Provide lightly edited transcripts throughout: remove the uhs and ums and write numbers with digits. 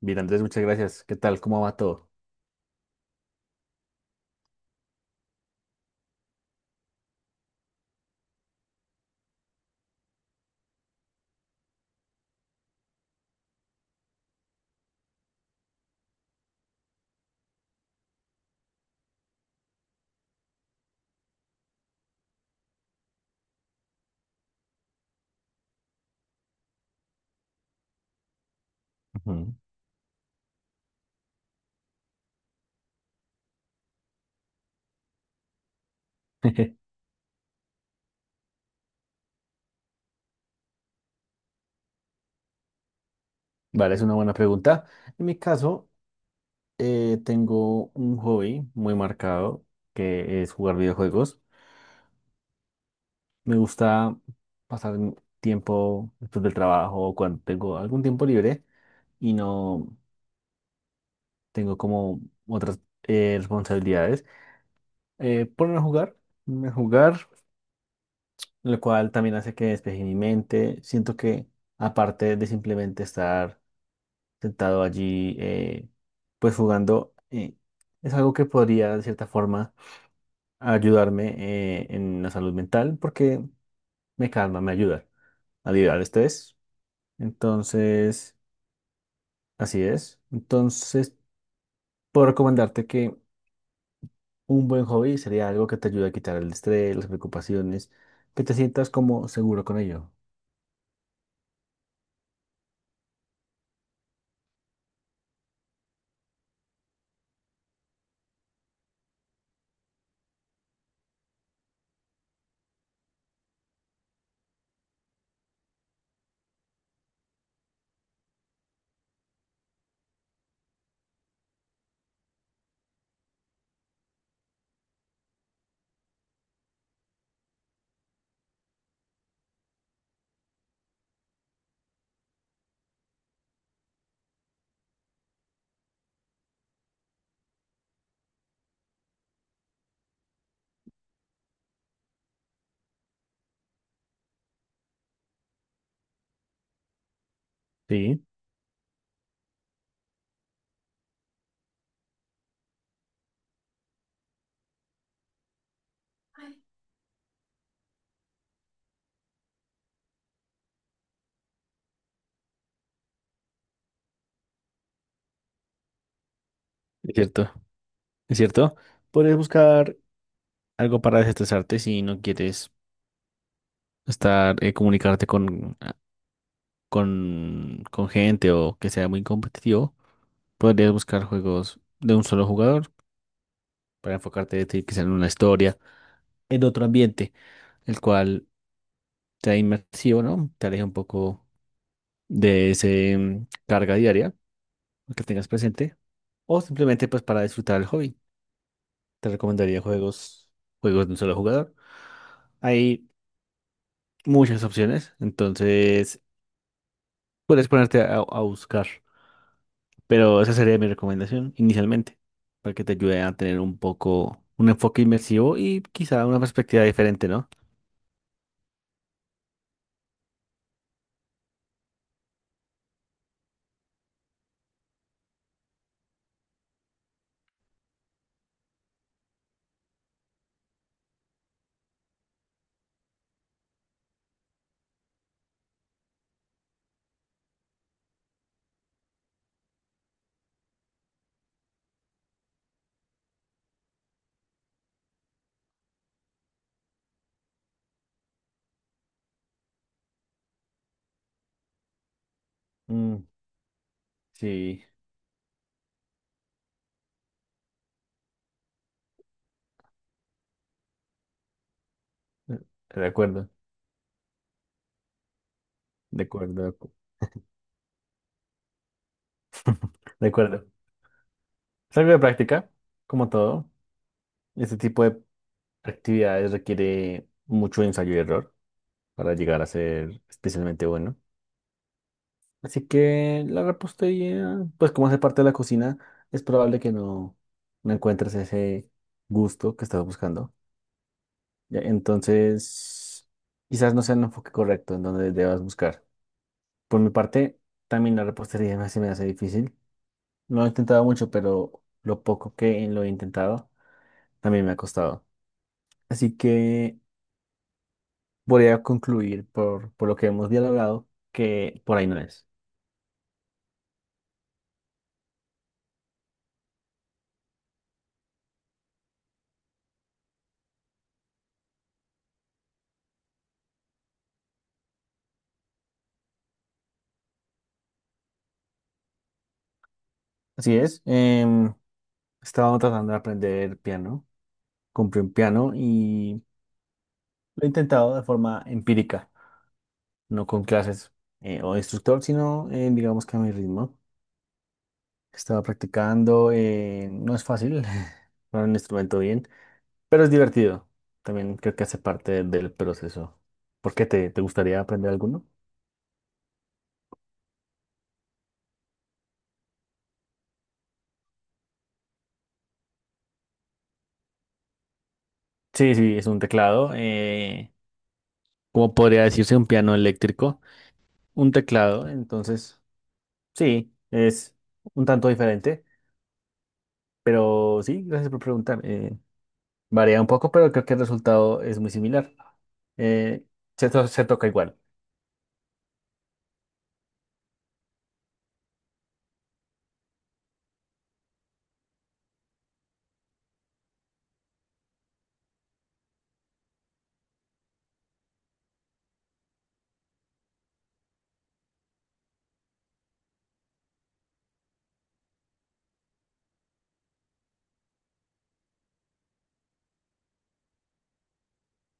Bien, Andrés, muchas gracias. ¿Qué tal? ¿Cómo va todo? Ujú. Vale, es una buena pregunta. En mi caso, tengo un hobby muy marcado que es jugar videojuegos. Me gusta pasar mi tiempo después del trabajo o cuando tengo algún tiempo libre y no tengo como otras responsabilidades. Ponerme a jugar, ponerme a jugar, lo cual también hace que despeje mi mente. Siento que aparte de simplemente estar sentado allí, pues jugando, es algo que podría de cierta forma ayudarme en la salud mental porque me calma, me ayuda a liberar estrés. Entonces, así es. Entonces, puedo recomendarte que un buen hobby sería algo que te ayude a quitar el estrés, las preocupaciones, que te sientas como seguro con ello. Sí, es cierto, es cierto. Podrías buscar algo para desestresarte si no quieres estar, comunicarte con con gente o que sea muy competitivo, podrías buscar juegos de un solo jugador para enfocarte ti- quizá en una historia, en otro ambiente, el cual te da inmersivo, ¿no? Te aleja un poco de ese carga diaria que tengas presente o simplemente pues para disfrutar el hobby. Te recomendaría juegos, juegos de un solo jugador. Hay muchas opciones, entonces puedes ponerte a buscar. Pero esa sería mi recomendación inicialmente, para que te ayude a tener un poco un enfoque inmersivo y quizá una perspectiva diferente, ¿no? Mm, sí, eh, de acuerdo, de acuerdo, de acuerdo. Es algo de práctica, como todo. Este tipo de actividades requiere mucho ensayo y error para llegar a ser especialmente bueno. Así que la repostería, pues como hace parte de la cocina, es probable que no, no encuentres ese gusto que estás buscando. Ya, entonces, quizás no sea el enfoque correcto en donde debas buscar. Por mi parte, también la repostería me- se me hace difícil. No he intentado mucho, pero lo poco que lo he intentado también me ha costado. Así que voy a concluir por lo que hemos dialogado, que por ahí no es. Así es. Estaba tratando de aprender piano. Compré un piano y lo he intentado de forma empírica, no con clases o instructor, sino digamos que a mi ritmo. Estaba practicando, no es fácil, para un instrumento bien, pero es divertido. También creo que hace parte del proceso. ¿Por qué te gustaría aprender alguno? Sí, sí, es un teclado, como podría decirse un piano eléctrico, un teclado, entonces sí, es un tanto diferente, pero sí, gracias por preguntar. Varía un poco, pero creo que el resultado es muy similar. Eh, se toca igual.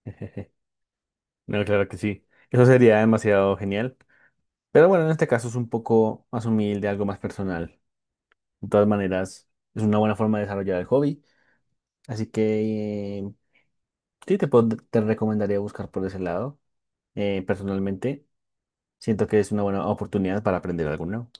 No, claro que sí. Eso sería demasiado genial. Pero bueno, en este caso es un poco más humilde, algo más personal. De todas maneras, es una buena forma de desarrollar el hobby. Así que sí, te recomendaría buscar por ese lado. Personalmente, siento que es una buena oportunidad para aprender algo nuevo.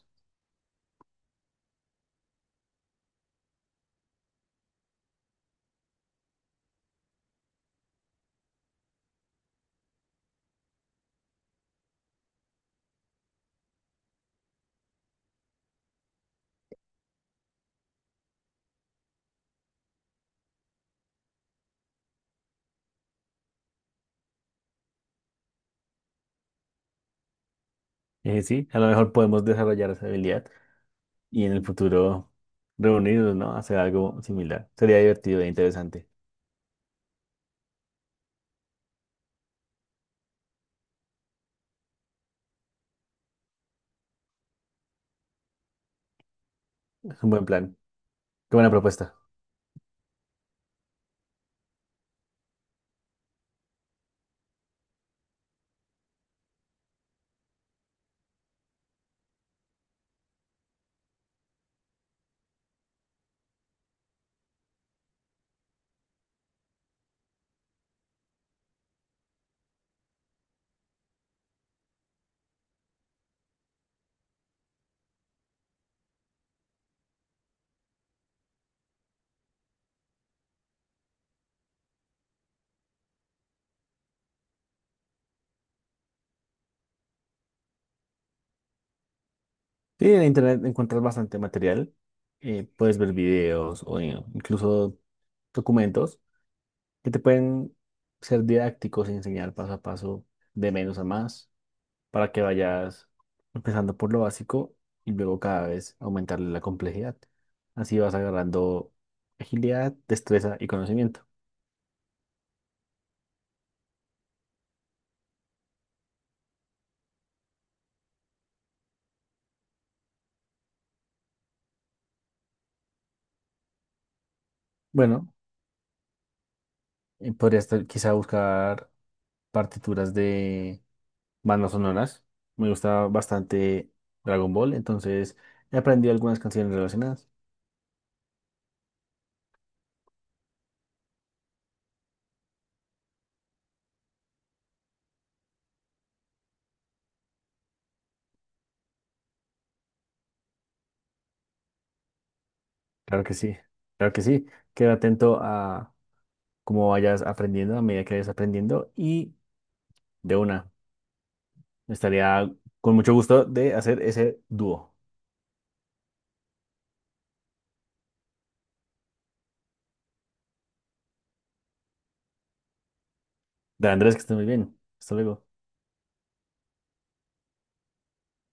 Sí, a lo mejor podemos desarrollar esa habilidad y en el futuro reunirnos, ¿no? Hacer algo similar. Sería divertido e interesante. Es un buen plan. Qué buena propuesta. Sí, en internet encuentras bastante material. Puedes ver videos o incluso documentos que te pueden ser didácticos y enseñar paso a paso de menos a más para que vayas empezando por lo básico y luego cada vez aumentarle la complejidad. Así vas agarrando agilidad, destreza y conocimiento. Bueno, podrías quizá buscar partituras de bandas sonoras. Me gusta bastante Dragon Ball, entonces he aprendido algunas canciones relacionadas. Claro que sí, claro que sí. Queda atento a como vayas aprendiendo a medida que vayas aprendiendo y de una, estaría con mucho gusto de hacer ese dúo. De Andrés, que estés muy bien. Hasta luego.